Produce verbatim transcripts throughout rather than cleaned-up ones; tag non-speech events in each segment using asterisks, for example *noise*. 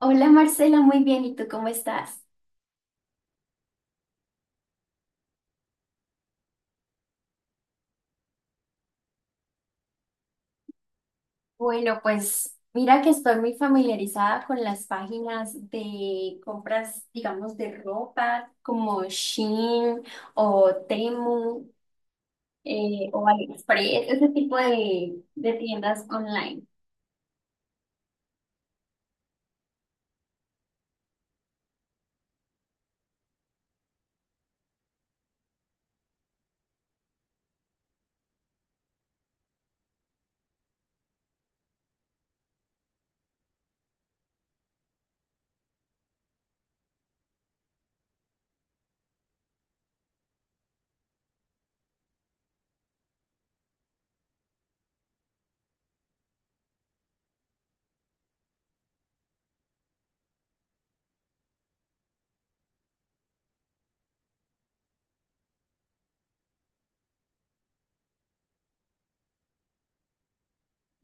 Hola Marcela, muy bien. ¿Y tú cómo estás? Bueno, pues mira que estoy muy familiarizada con las páginas de compras, digamos, de ropa como Shein o Temu eh, o AliExpress, ese tipo de, de tiendas online.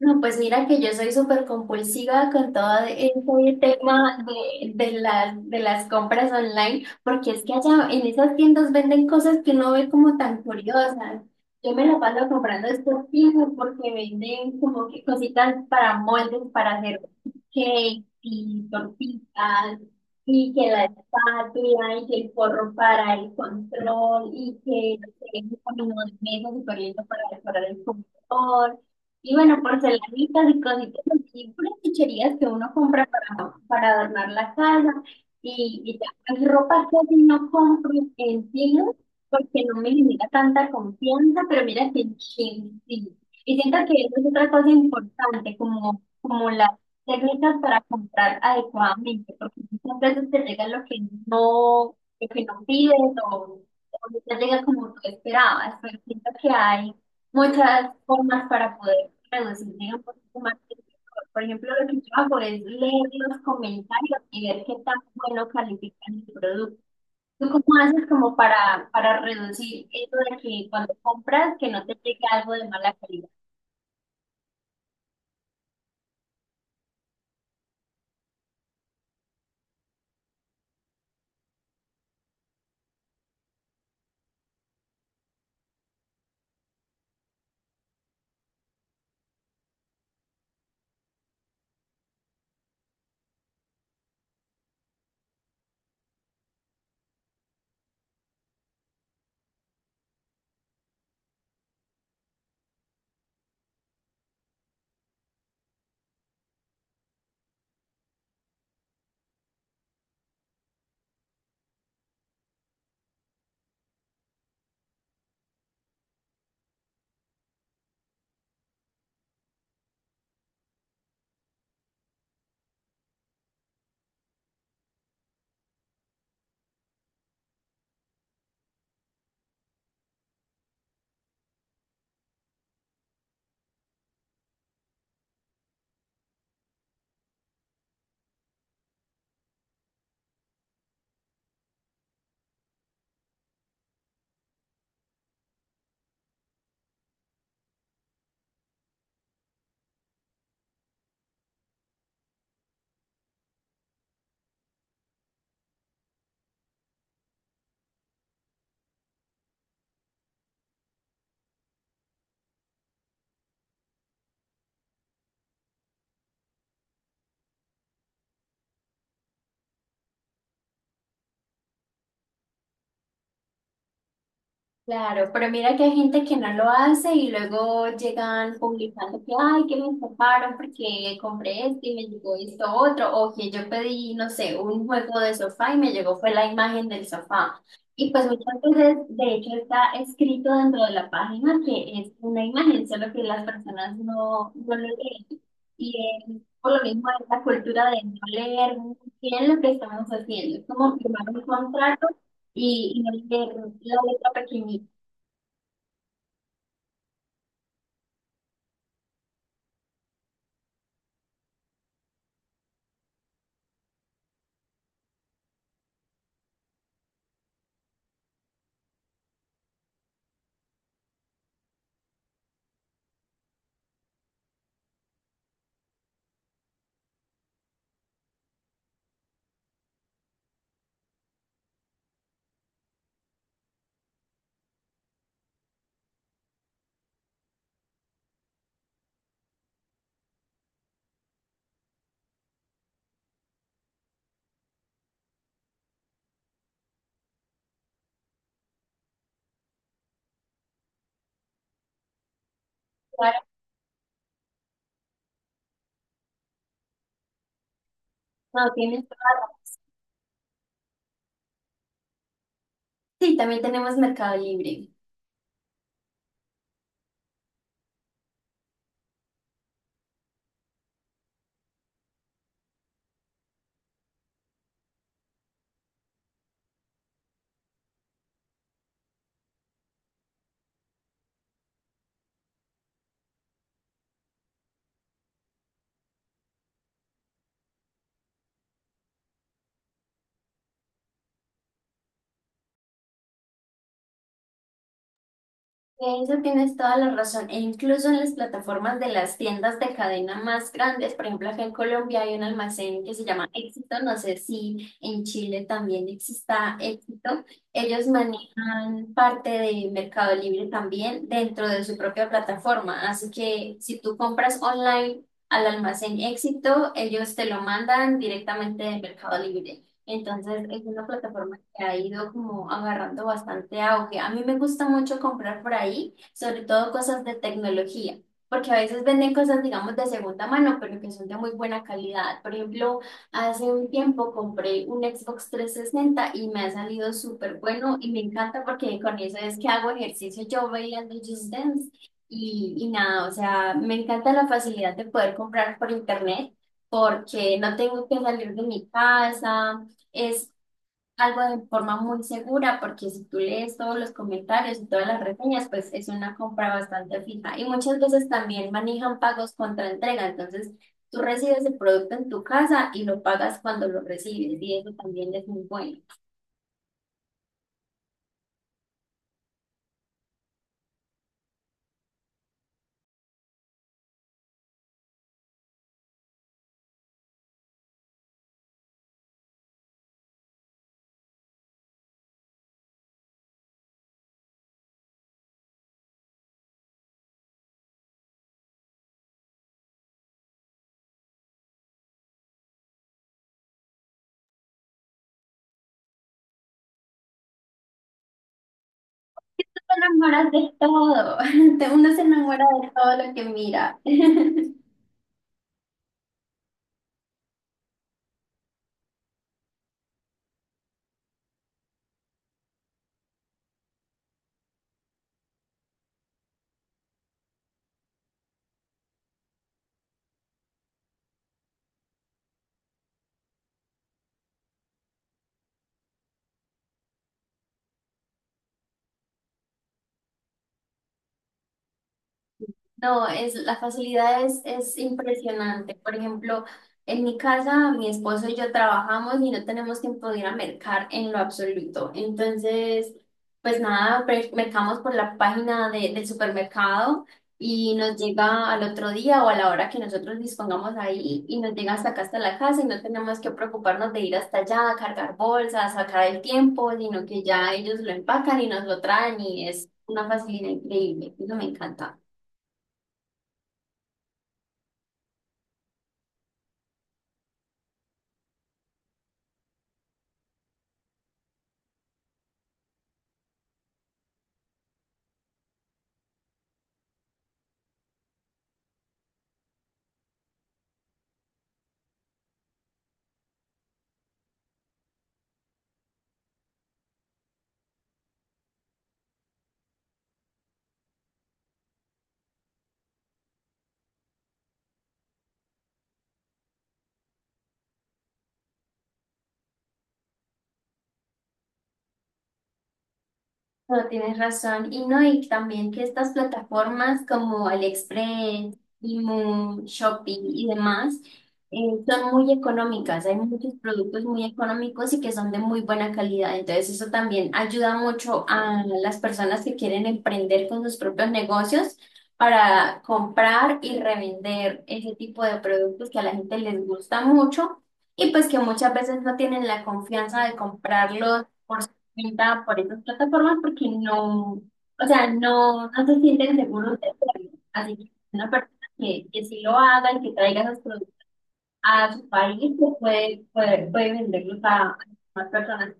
No, pues mira que yo soy súper compulsiva con todo este tema de, de las, de las compras online, porque es que allá en esas tiendas venden cosas que uno ve como tan curiosas. Yo me la paso comprando estos tiendas porque venden como que cositas para moldes, para hacer cake y tortitas, y que la espátula, y que el forro para el control, y que no sé, un camino de mesa súper lindo para decorar el computador. Y bueno, porcelanitas y cositas así, puras chucherías que uno compra para, para adornar la casa. Y, y ya, pues, ropa casi no compro en sí, porque no me genera tanta confianza, pero mira que en Shein sí. Y siento que eso es otra cosa importante, como, como las técnicas para comprar adecuadamente, porque muchas veces te llega lo que no, lo que no pides o, o no te llega como tú esperabas, pero siento que hay muchas formas para poder reducir digamos, un poquito más el error. Por ejemplo, lo que yo hago es leer los comentarios y ver qué tan bueno califican el producto. ¿Tú cómo haces como para, para reducir eso de que cuando compras que no te llegue algo de mala calidad? Claro, pero mira que hay gente que no lo hace y luego llegan publicando que, ay, que me estafaron porque compré esto y me llegó esto otro, o que yo pedí, no sé, un juego de sofá y me llegó fue la imagen del sofá. Y pues muchas veces, de hecho, está escrito dentro de la página que es una imagen, solo que las personas no, no lo leen. Y es por lo mismo esta cultura de no leer muy bien lo que estamos haciendo, es como firmar un contrato y, y no leer la letra pequeñita. Claro, no, tienes toda la razón. Sí, también tenemos Mercado Libre. En eso tienes toda la razón. E incluso en las plataformas de las tiendas de cadena más grandes, por ejemplo, acá en Colombia hay un almacén que se llama Éxito. No sé si en Chile también exista Éxito. Ellos manejan parte de Mercado Libre también dentro de su propia plataforma. Así que si tú compras online al almacén Éxito, ellos te lo mandan directamente de Mercado Libre. Entonces es una plataforma que ha ido como agarrando bastante auge. A mí me gusta mucho comprar por ahí, sobre todo cosas de tecnología, porque a veces venden cosas, digamos, de segunda mano, pero que son de muy buena calidad. Por ejemplo, hace un tiempo compré un Xbox trescientos sesenta y me ha salido súper bueno y me encanta porque con eso es que hago ejercicio yo bailando Just Dance. Y, y nada, o sea, me encanta la facilidad de poder comprar por internet porque no tengo que salir de mi casa, es algo de forma muy segura porque si tú lees todos los comentarios y todas las reseñas, pues es una compra bastante fija. Y muchas veces también manejan pagos contra entrega, entonces tú recibes el producto en tu casa y lo pagas cuando lo recibes y eso también es muy bueno. Te enamoras de todo. *laughs* Te- Uno se enamora de todo lo que mira. *laughs* No, es, la facilidad es, es impresionante. Por ejemplo, en mi casa, mi esposo y yo trabajamos y no tenemos tiempo de ir a mercar en lo absoluto. Entonces, pues nada, pre- mercamos por la página de- del supermercado y nos llega al otro día o a la hora que nosotros dispongamos ahí y nos llega hasta acá, hasta la casa y no tenemos que preocuparnos de ir hasta allá, cargar bolsas, sacar el tiempo, sino que ya ellos lo empacan y nos lo traen y es una facilidad increíble. Eso me encanta. No, tienes razón. Y no, y también que estas plataformas como AliExpress, Temu, Shopee y demás eh, son muy económicas. Hay muchos productos muy económicos y que son de muy buena calidad. Entonces eso también ayuda mucho a las personas que quieren emprender con sus propios negocios para comprar y revender ese tipo de productos que a la gente les gusta mucho y pues que muchas veces no tienen la confianza de comprarlos venta por esas plataformas porque no, o sea, no, no se sienten seguros de hacerlo. Así que una persona que, que sí lo haga y que traiga esos productos a su país, pues puede, puede, puede venderlos a, a más personas.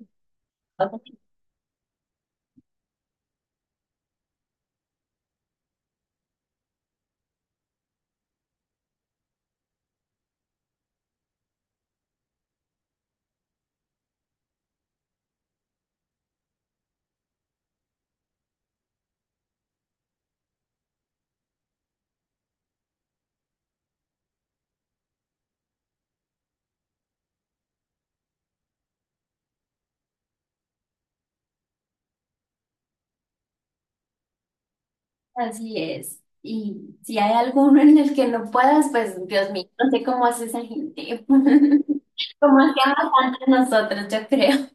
Así es. Y si hay alguno en el que no puedas, pues Dios mío, no sé cómo hace esa gente. *laughs* Como hacíamos antes nosotros, yo creo.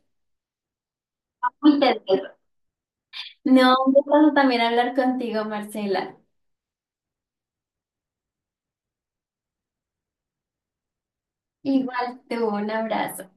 Muy tedioso. No, un gusto también hablar contigo, Marcela. Igual tú, un abrazo.